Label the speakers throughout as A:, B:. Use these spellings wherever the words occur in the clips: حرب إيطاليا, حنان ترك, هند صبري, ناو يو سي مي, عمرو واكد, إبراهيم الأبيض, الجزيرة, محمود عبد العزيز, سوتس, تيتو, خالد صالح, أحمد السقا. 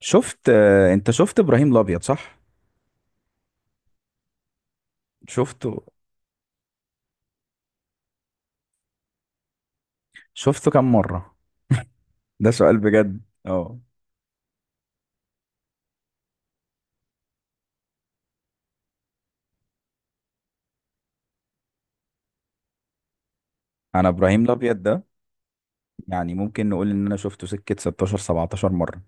A: شفت آه، انت شفت ابراهيم الابيض صح؟ شفته. شفته كم مره؟ ده سؤال بجد. اه. انا ابراهيم الابيض ده، يعني ممكن نقول ان انا شفته سكه 16 17 مره.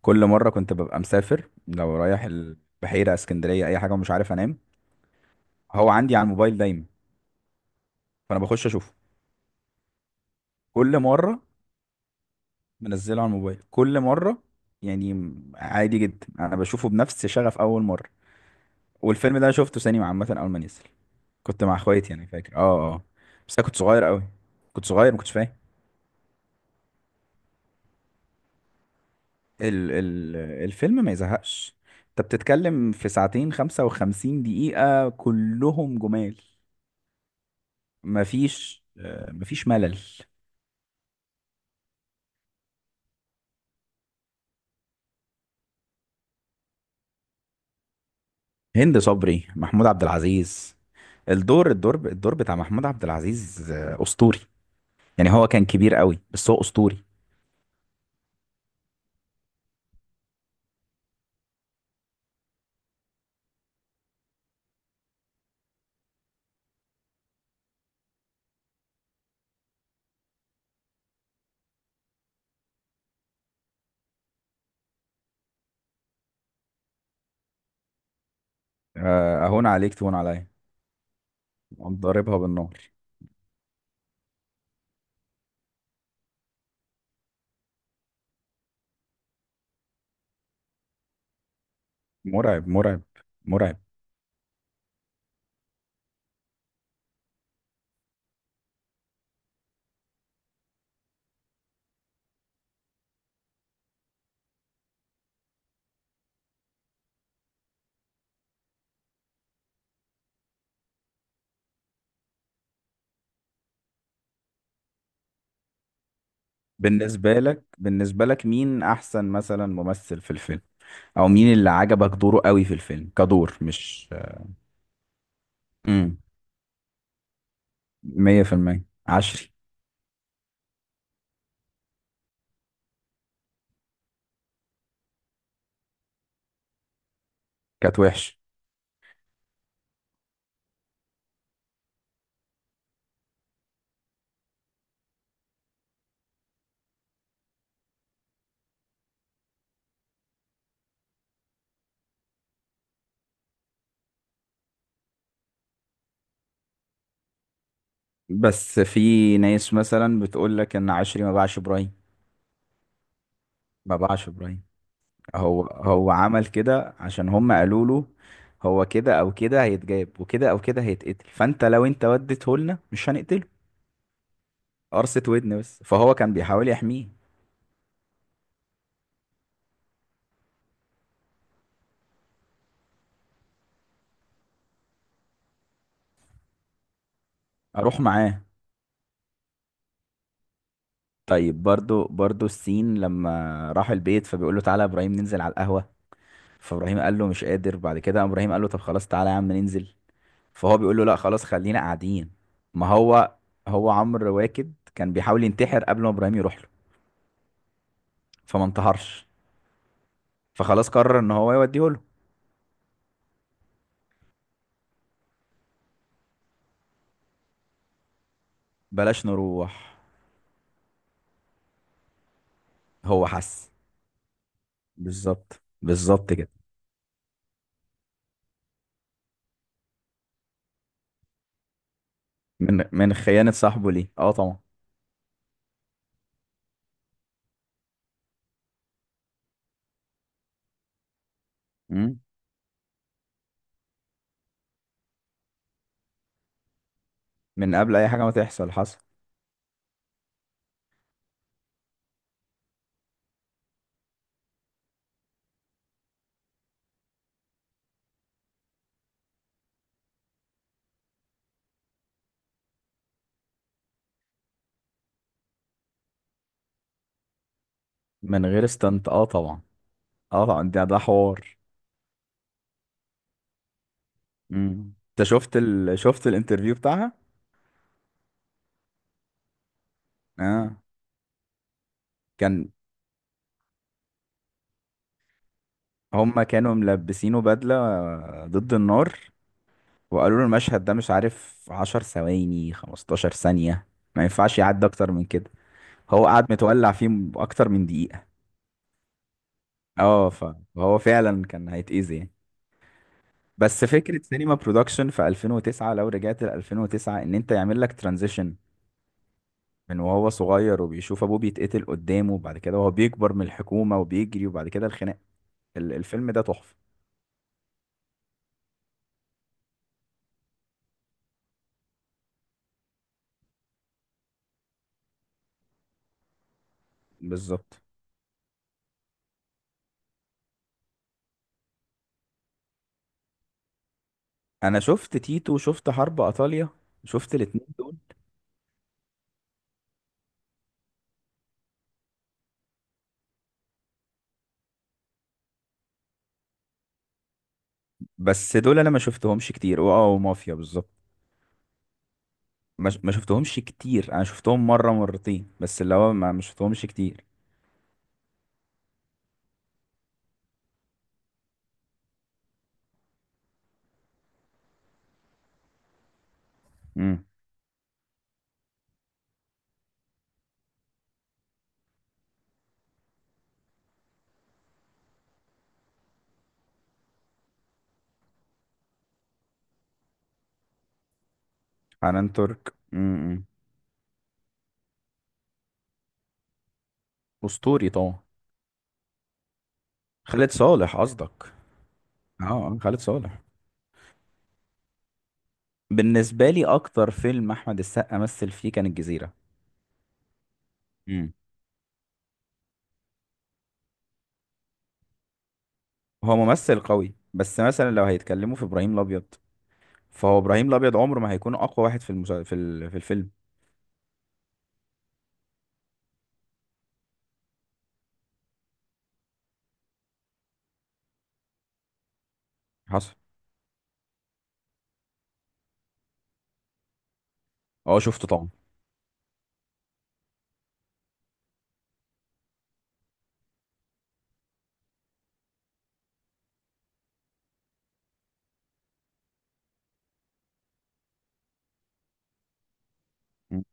A: كل مره كنت ببقى مسافر لو رايح البحيره اسكندريه اي حاجه ومش عارف انام، هو عندي على الموبايل دايما، فانا بخش اشوفه كل مره. منزله على الموبايل كل مره. يعني عادي جدا انا بشوفه بنفس شغف اول مره. والفيلم ده أنا شفته سينما عامة أول ما نزل. كنت مع اخواتي، يعني فاكر. بس أنا كنت صغير قوي. كنت صغير ما كنتش فاهم. ال ال الفيلم ما يزهقش. أنت بتتكلم في ساعتين 55 دقيقة كلهم جمال. مفيش ملل. هند صبري، محمود عبد العزيز. الدور بتاع محمود عبد العزيز أسطوري. يعني هو كان كبير قوي بس هو أسطوري. آه، أهون عليك تهون عليا. ضاربها بالنار. مرعب مرعب مرعب. بالنسبة لك مين أحسن مثلا ممثل في الفيلم؟ أو مين اللي عجبك دوره قوي في الفيلم كدور؟ مش امم 100% عشري. كانت وحش. بس في ناس مثلا بتقول لك إن عشري ما باعش إبراهيم. ما باعش إبراهيم. هو عمل كده عشان هم قالوا له، هو كده أو كده هيتجاب وكده أو كده هيتقتل، فأنت لو أنت وديته لنا مش هنقتله. قرصة ودن بس، فهو كان بيحاول يحميه. أروح معاه. طيب، برضو السين لما راح البيت فبيقول له تعالى يا ابراهيم ننزل على القهوة. فابراهيم قال له مش قادر، بعد كده قام ابراهيم قال له طب خلاص تعالى يا عم ننزل، فهو بيقول له لا خلاص خلينا قاعدين. ما هو عمرو واكد كان بيحاول ينتحر قبل ما ابراهيم يروح له. فما انتحرش، فخلاص قرر ان هو يوديه له. بلاش نروح. هو حس. بالظبط بالظبط كده. من خيانة صاحبه ليه، اه طبعا. مم. من قبل اي حاجة ما تحصل حصل. من غير استنت، اه طبعا. اه طبعا ده حوار. مم. انت شفت شفت الانترفيو بتاعها؟ اه، كان هما كانوا ملبسينه بدلة ضد النار. وقالوا له المشهد ده مش عارف 10 ثواني 15 ثانية ما ينفعش يعدي اكتر من كده. هو قعد متولع فيه اكتر من دقيقة. اه، فهو فعلا كان هيتأذي يعني. بس فكرة سينما برودكشن في 2009، لو رجعت ل 2009 ان انت يعمل لك ترانزيشن من وهو صغير وبيشوف ابوه بيتقتل قدامه وبعد كده وهو بيكبر من الحكومة وبيجري وبعد كده الخناقة. الفيلم ده تحفة. بالظبط. انا شفت تيتو وشفت حرب ايطاليا. شفت الاتنين دول. بس دول انا ما شفتهمش كتير، واه، ومافيا بالظبط. ما شفتهمش كتير. انا شفتهم مرة مرتين بس، اللي هو ما شفتهمش كتير. امم. حنان ترك. امم. اسطوري طبعا. خالد صالح قصدك؟ اه آه، خالد صالح. بالنسبة لي اكتر فيلم احمد السقا مثل فيه كان الجزيرة. امم. هو ممثل قوي بس مثلا لو هيتكلموا في ابراهيم الابيض، فهو ابراهيم الابيض عمره ما هيكون اقوى واحد في المسا... في ال... في الفيلم. حصل. اه شفته طبعا. مم.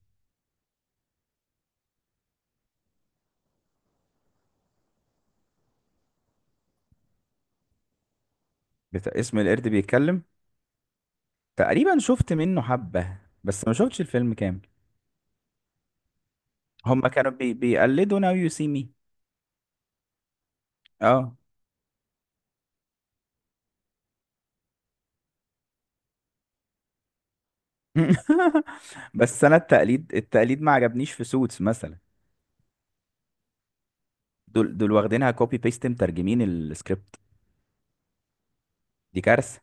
A: اسم القرد بيتكلم؟ تقريبا شفت منه حبة، بس ما شفتش الفيلم كامل. هما كانوا بيقلدوا ناو يو سي مي. اه. بس انا التقليد التقليد ما عجبنيش في سوتس مثلا. دول دول واخدينها كوبي بيست، مترجمين السكريبت. دي كارثة.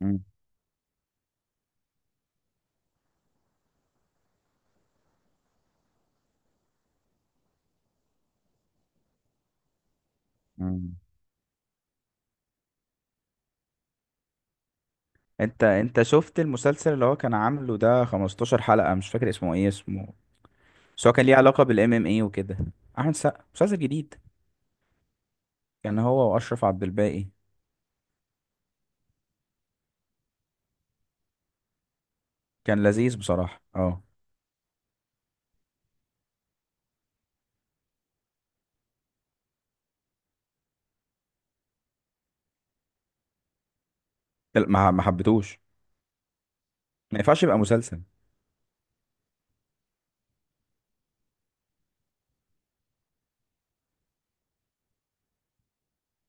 A: مم. مم. انت شفت المسلسل اللي هو كان عامله ده 15 حلقة، مش فاكر اسمه ايه اسمه؟ بس هو كان ليه علاقة بالام ام اي وكده. احمد سقا مسلسل جديد، كان هو واشرف عبد الباقي. كان لذيذ بصراحة، اه. لا، ما حبيتهوش. ما ينفعش يبقى مسلسل.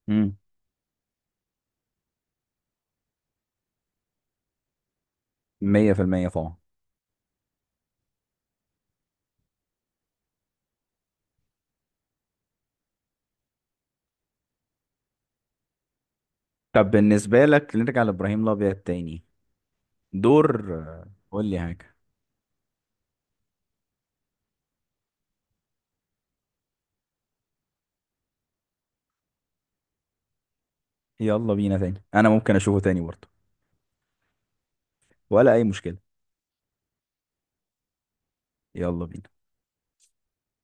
A: امم. 100% طبعا. طب بالنسبة لك نرجع لابراهيم الابيض تاني. دور. قول لي حاجة. يلا بينا تاني، انا ممكن اشوفه تاني برضه. ولا اي مشكلة. يلا بينا.